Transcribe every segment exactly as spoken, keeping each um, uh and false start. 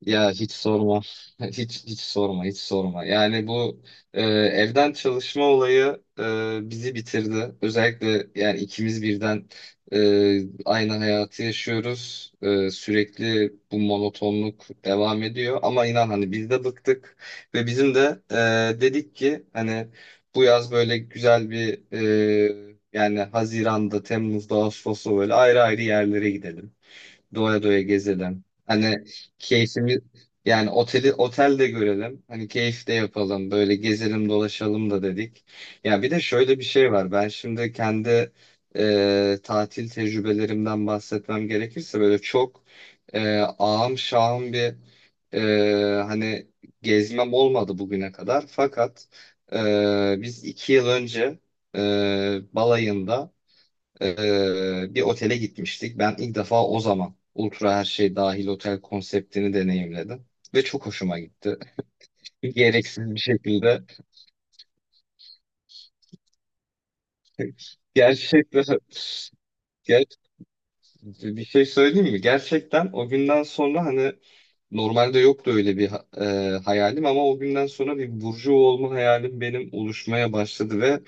Ya hiç sorma. Hiç hiç sorma, hiç sorma. Yani bu e, evden çalışma olayı e, bizi bitirdi. Özellikle yani ikimiz birden e, aynı hayatı yaşıyoruz. E, sürekli bu monotonluk devam ediyor. Ama inan hani biz de bıktık ve bizim de e, dedik ki hani bu yaz böyle güzel bir, e, yani Haziran'da, Temmuz'da, Ağustos'ta böyle ayrı ayrı yerlere gidelim. Doya doya gezelim. Hani keyfimiz, yani oteli otelde görelim. Hani keyif de yapalım, böyle gezelim dolaşalım da dedik. Ya bir de şöyle bir şey var. Ben şimdi kendi e, tatil tecrübelerimden bahsetmem gerekirse, böyle çok e, ağam şahım bir, e, hani gezmem olmadı bugüne kadar. Fakat e, biz iki yıl önce e, balayında ee, bir otele gitmiştik. Ben ilk defa o zaman ultra her şey dahil otel konseptini deneyimledim. Ve çok hoşuma gitti. Gereksiz bir şekilde. Gerçekten, ger bir şey söyleyeyim mi? Gerçekten o günden sonra, hani normalde yoktu öyle bir ha- e, hayalim, ama o günden sonra bir burcu olma hayalim benim oluşmaya başladı. ve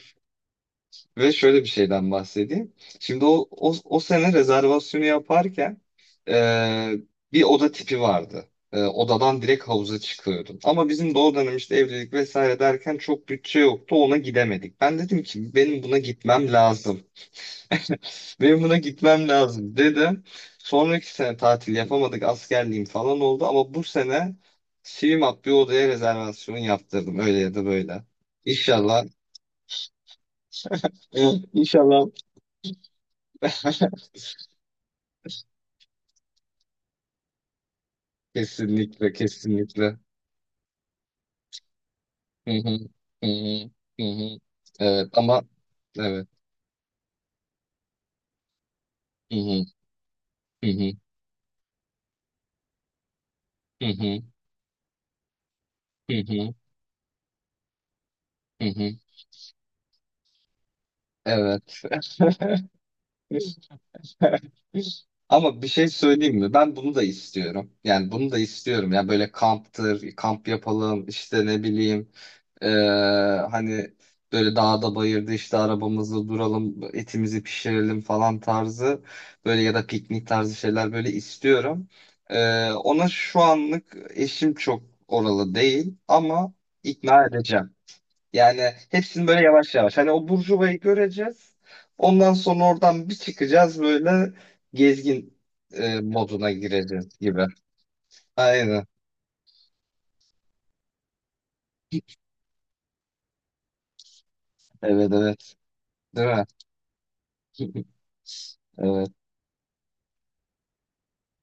Ve şöyle bir şeyden bahsedeyim. Şimdi o, o, o sene rezervasyonu yaparken e, bir oda tipi vardı. E, odadan direkt havuza çıkıyordun. Ama bizim de o dönem, işte evlilik vesaire derken, çok bütçe yoktu, ona gidemedik. Ben dedim ki, benim buna gitmem lazım. Benim buna gitmem lazım dedim. Sonraki sene tatil yapamadık, askerliğim falan oldu. Ama bu sene Swimup bir odaya rezervasyon yaptırdım, öyle ya da böyle. İnşallah. Evet, İnşallah. Kesinlikle, kesinlikle. Hı hı, hı hı, hı hı. Evet, ama evet. Hı hı, hı hı, hı hı, hı hı, hı hı. Evet. Ama bir şey söyleyeyim mi? Ben bunu da istiyorum. Yani bunu da istiyorum. Yani böyle kamptır, kamp yapalım, işte ne bileyim. Ee, Hani böyle dağda bayırda işte arabamızda duralım, etimizi pişirelim falan tarzı, böyle ya da piknik tarzı şeyler böyle istiyorum. Ee, ona şu anlık eşim çok oralı değil, ama ikna edeceğim. Yani hepsini böyle yavaş yavaş. Hani o burjuvayı göreceğiz. Ondan sonra oradan bir çıkacağız, böyle gezgin e, moduna gireceğiz gibi. Aynen. Evet, evet. Değil mi? Evet.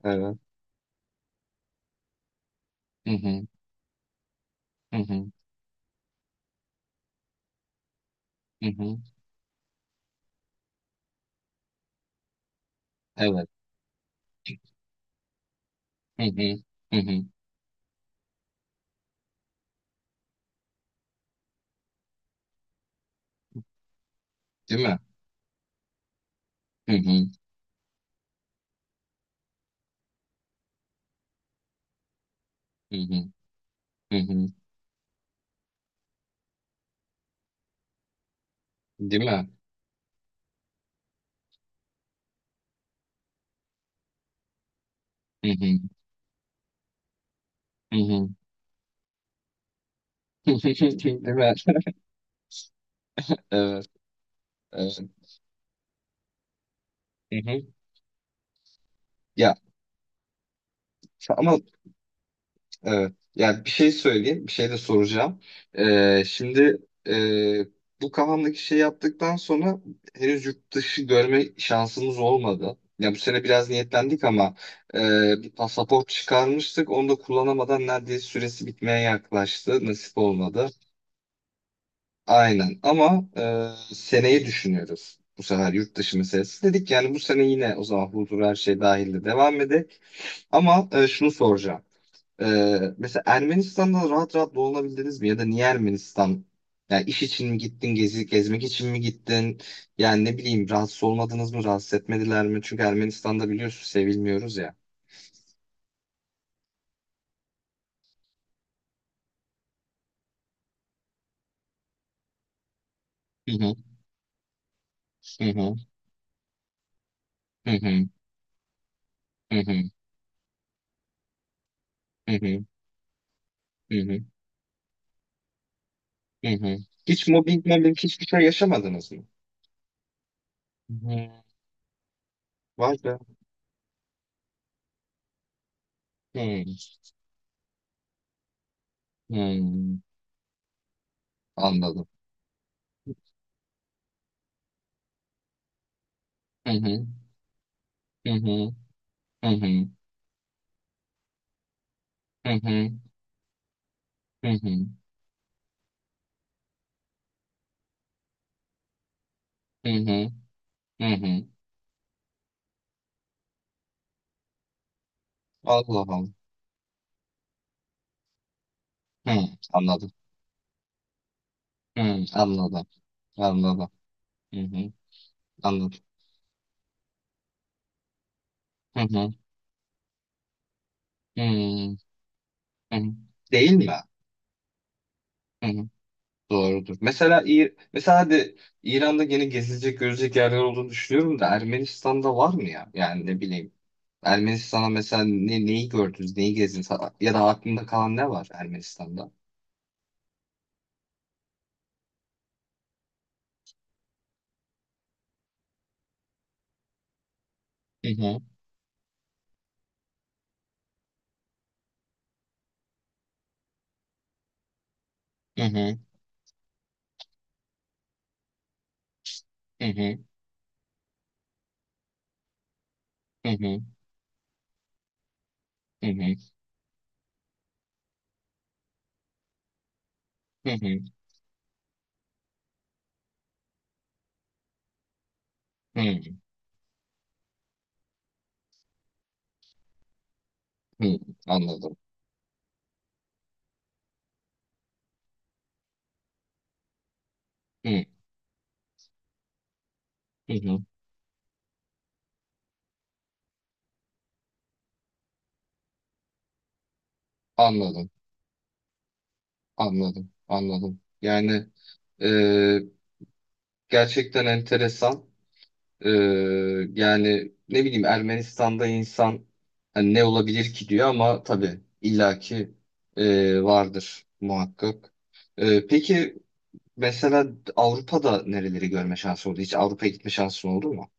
Evet. Hı hı. Hı hı. Hı hı. Evet. Hı hı. Hı hı. Değil mi? Hı hı. Hı hı. Hı hı. Değil mi? Hı hı. Hı hı. Değil mi? Evet. Evet. Hı hı. Ya ama evet. Ya bir şey söyleyeyim. Bir şey de soracağım. Ee, şimdi e, bu kafamdaki şey yaptıktan sonra, henüz yurt dışı görme şansımız olmadı. Ya bu sene biraz niyetlendik, ama e, bir pasaport çıkarmıştık. Onu da kullanamadan neredeyse süresi bitmeye yaklaştı. Nasip olmadı. Aynen, ama e, seneyi düşünüyoruz. Bu sefer yurt dışı meselesi. Dedik yani, bu sene yine o zaman huzur, her şey dahilde devam edek. Ama e, şunu soracağım. E, Mesela Ermenistan'da rahat rahat dolanabildiniz mi? Ya da niye Ermenistan? Yani iş için mi gittin, gezi, gezmek için mi gittin? Yani ne bileyim, rahatsız olmadınız mı, rahatsız etmediler mi? Çünkü Ermenistan'da biliyorsun, sevilmiyoruz ya. Hı hı, hı hı, hı hı, hı hı, hı hı, hı hı, hı hı. Hiç mobbing, mobbing, hiçbir şey yaşamadınız mı? Hı. Vay be. Hmm, hmm. Anladım. Hı hı, hı hı, hı hı, hı hı, hı hı, hı hı, hı hı. Allah Allah. Hı, anladım. Hı, anladım. Anladım. Hı hı, anladım. Hı hı, hı hı. Değil mi? Hı hı, doğrudur. Mesela İr mesela, hadi İran'da yine gezilecek, görecek yerler olduğunu düşünüyorum da, Ermenistan'da var mı ya? Yani ne bileyim. Ermenistan'a mesela ne, neyi gördünüz, neyi gezdiniz, Ha- ya da aklında kalan ne var Ermenistan'da? Hı hı, hı hı, hı hı, hı hı, hı hı, hı hı. Anladım. Hı hı, hı. Anladım, anladım, anladım. Yani e, gerçekten enteresan. E, Yani ne bileyim, Ermenistan'da insan hani ne olabilir ki diyor, ama tabii illaki e, vardır muhakkak. E, peki mesela Avrupa'da nereleri görme şansı oldu? Hiç Avrupa'ya gitme şansın oldu mu?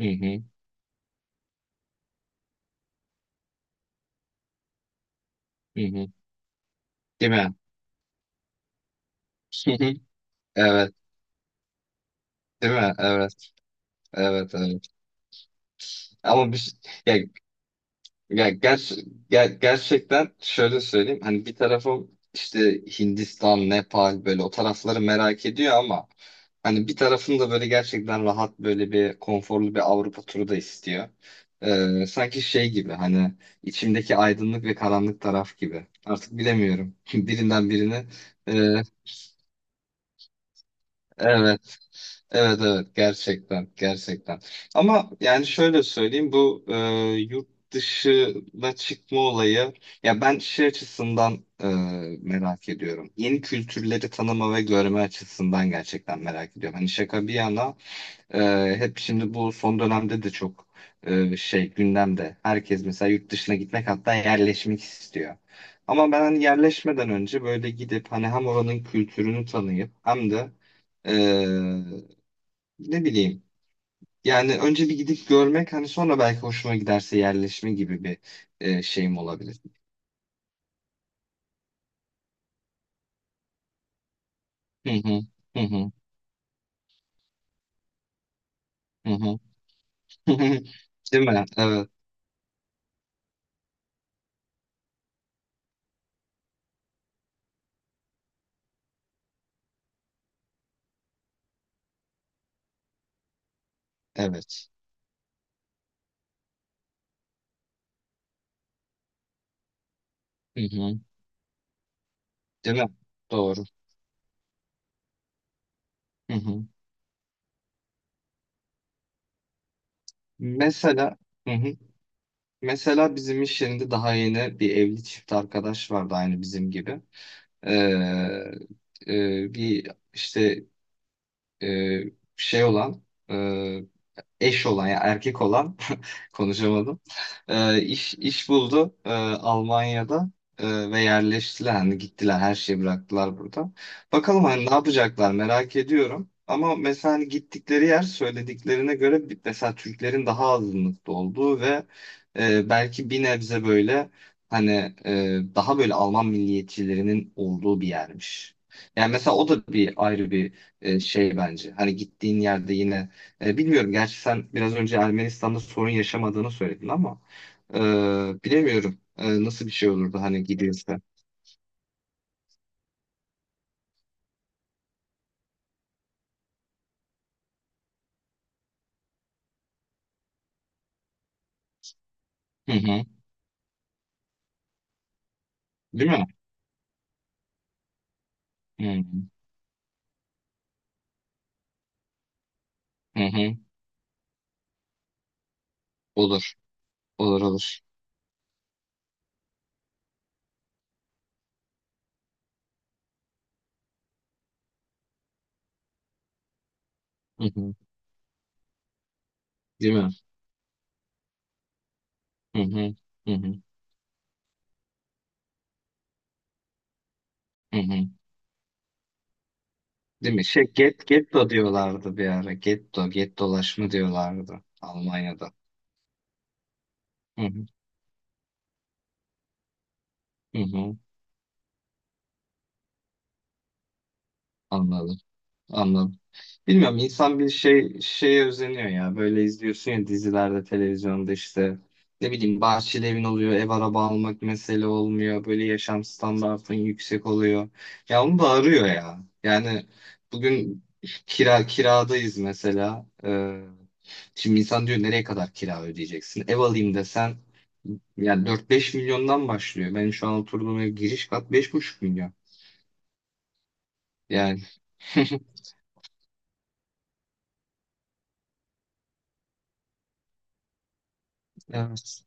Hı hı, hı hı. Değil mi? Evet. Değil mi? Evet, evet, evet. Ama bir, ya, ya, ger- ger- gerçekten şöyle söyleyeyim. Hani bir tarafım işte Hindistan, Nepal, böyle o tarafları merak ediyor, ama hani bir tarafım da böyle gerçekten rahat, böyle bir konforlu bir Avrupa turu da istiyor. Ee, sanki şey gibi, hani içimdeki aydınlık ve karanlık taraf gibi. Artık bilemiyorum. Birinden birini. Ee, evet, evet, evet, gerçekten gerçekten, ama yani şöyle söyleyeyim, bu e, yurt dışına çıkma olayı, ya ben şey açısından, e, merak ediyorum, yeni kültürleri tanıma ve görme açısından gerçekten merak ediyorum, hani şaka bir yana, e, hep şimdi bu son dönemde de çok e, şey gündemde, herkes mesela yurt dışına gitmek, hatta yerleşmek istiyor, ama ben hani yerleşmeden önce böyle gidip, hani hem oranın kültürünü tanıyıp hem de ne bileyim. Yani önce bir gidip görmek, hani sonra belki hoşuma giderse yerleşme gibi bir e, şeyim olabilir. Hı hı. Hı hı. Hı hı. Değil mi? Evet. Evet. Hı hı. Değil mi? Doğru. Hı hı. Mesela, hı hı. Mesela bizim iş yerinde daha yeni bir evli çift arkadaş vardı, aynı bizim gibi. Ee, e, bir işte e, şey olan, eş olan, ya erkek olan konuşamadım. E, iş iş buldu e, Almanya'da, e, ve yerleştiler, hani gittiler, her şeyi bıraktılar burada. Bakalım hani ne yapacaklar, merak ediyorum. Ama mesela hani gittikleri yer, söylediklerine göre bir- mesela Türklerin daha azınlıkta olduğu ve e, belki bir nebze böyle hani e, daha böyle Alman milliyetçilerinin olduğu bir yermiş. Yani mesela o da bir ayrı bir e, şey bence. Hani gittiğin yerde yine e, bilmiyorum. Gerçi sen biraz önce Ermenistan'da sorun yaşamadığını söyledin ama e, bilemiyorum. E, nasıl bir şey olurdu hani gidilse. Hı hı. Değil mi? Hı hı. Hı hı. Olur. Olur, olur. Hı hı. Değil mi? Hı hı. Hı hı. Hı hı. Değil mi? Şey, get, getto diyorlardı bir ara. Getto, gettolaşma diyorlardı Almanya'da. Hı hı. Hı hı. Anladım. Anladım. Bilmiyorum, insan bir şey şeye özeniyor ya. Böyle izliyorsun ya, dizilerde, televizyonda, işte ne bileyim, bahçeli evin oluyor, ev araba almak mesele olmuyor. Böyle yaşam standartın yüksek oluyor. Ya onu da arıyor ya. Yani bugün kira kiradayız mesela. Ee, şimdi insan diyor, nereye kadar kira ödeyeceksin? Ev alayım desen, yani dört beş milyondan başlıyor. Benim şu an oturduğum ev giriş kat beş buçuk milyon. Yani, evet.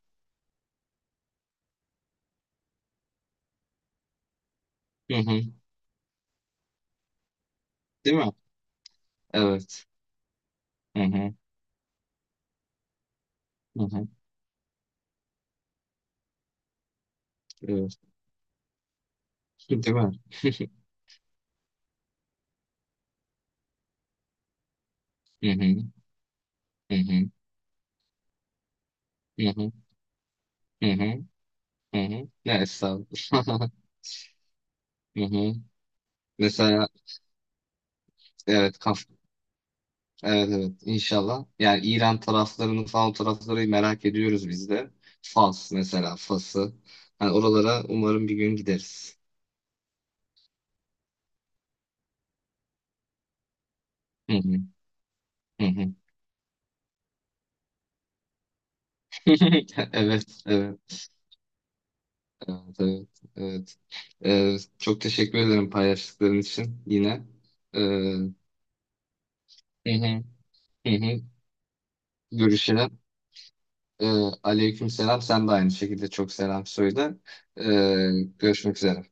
Hı hı. Değil mi? Evet. Hı hı. Uhum, eu- Entendeu? Uhum, uhum, uhum, uhum, uhum. Evet, sağ ol. Uhum. Mesela evet, kaf evet, evet, inşallah. Yani İran taraflarını falan, o tarafları merak ediyoruz biz de. Fas, mesela Fas'ı. Yani oralara umarım bir gün gideriz. Hı hı, hı hı. Evet, evet, evet, evet, evet. Ee, çok teşekkür ederim paylaştıkların için yine. Ee, hı hı, hı hı. Görüşelim. Ee, Aleyküm selam. Sen de aynı şekilde çok selam söyle. Ee, Görüşmek üzere.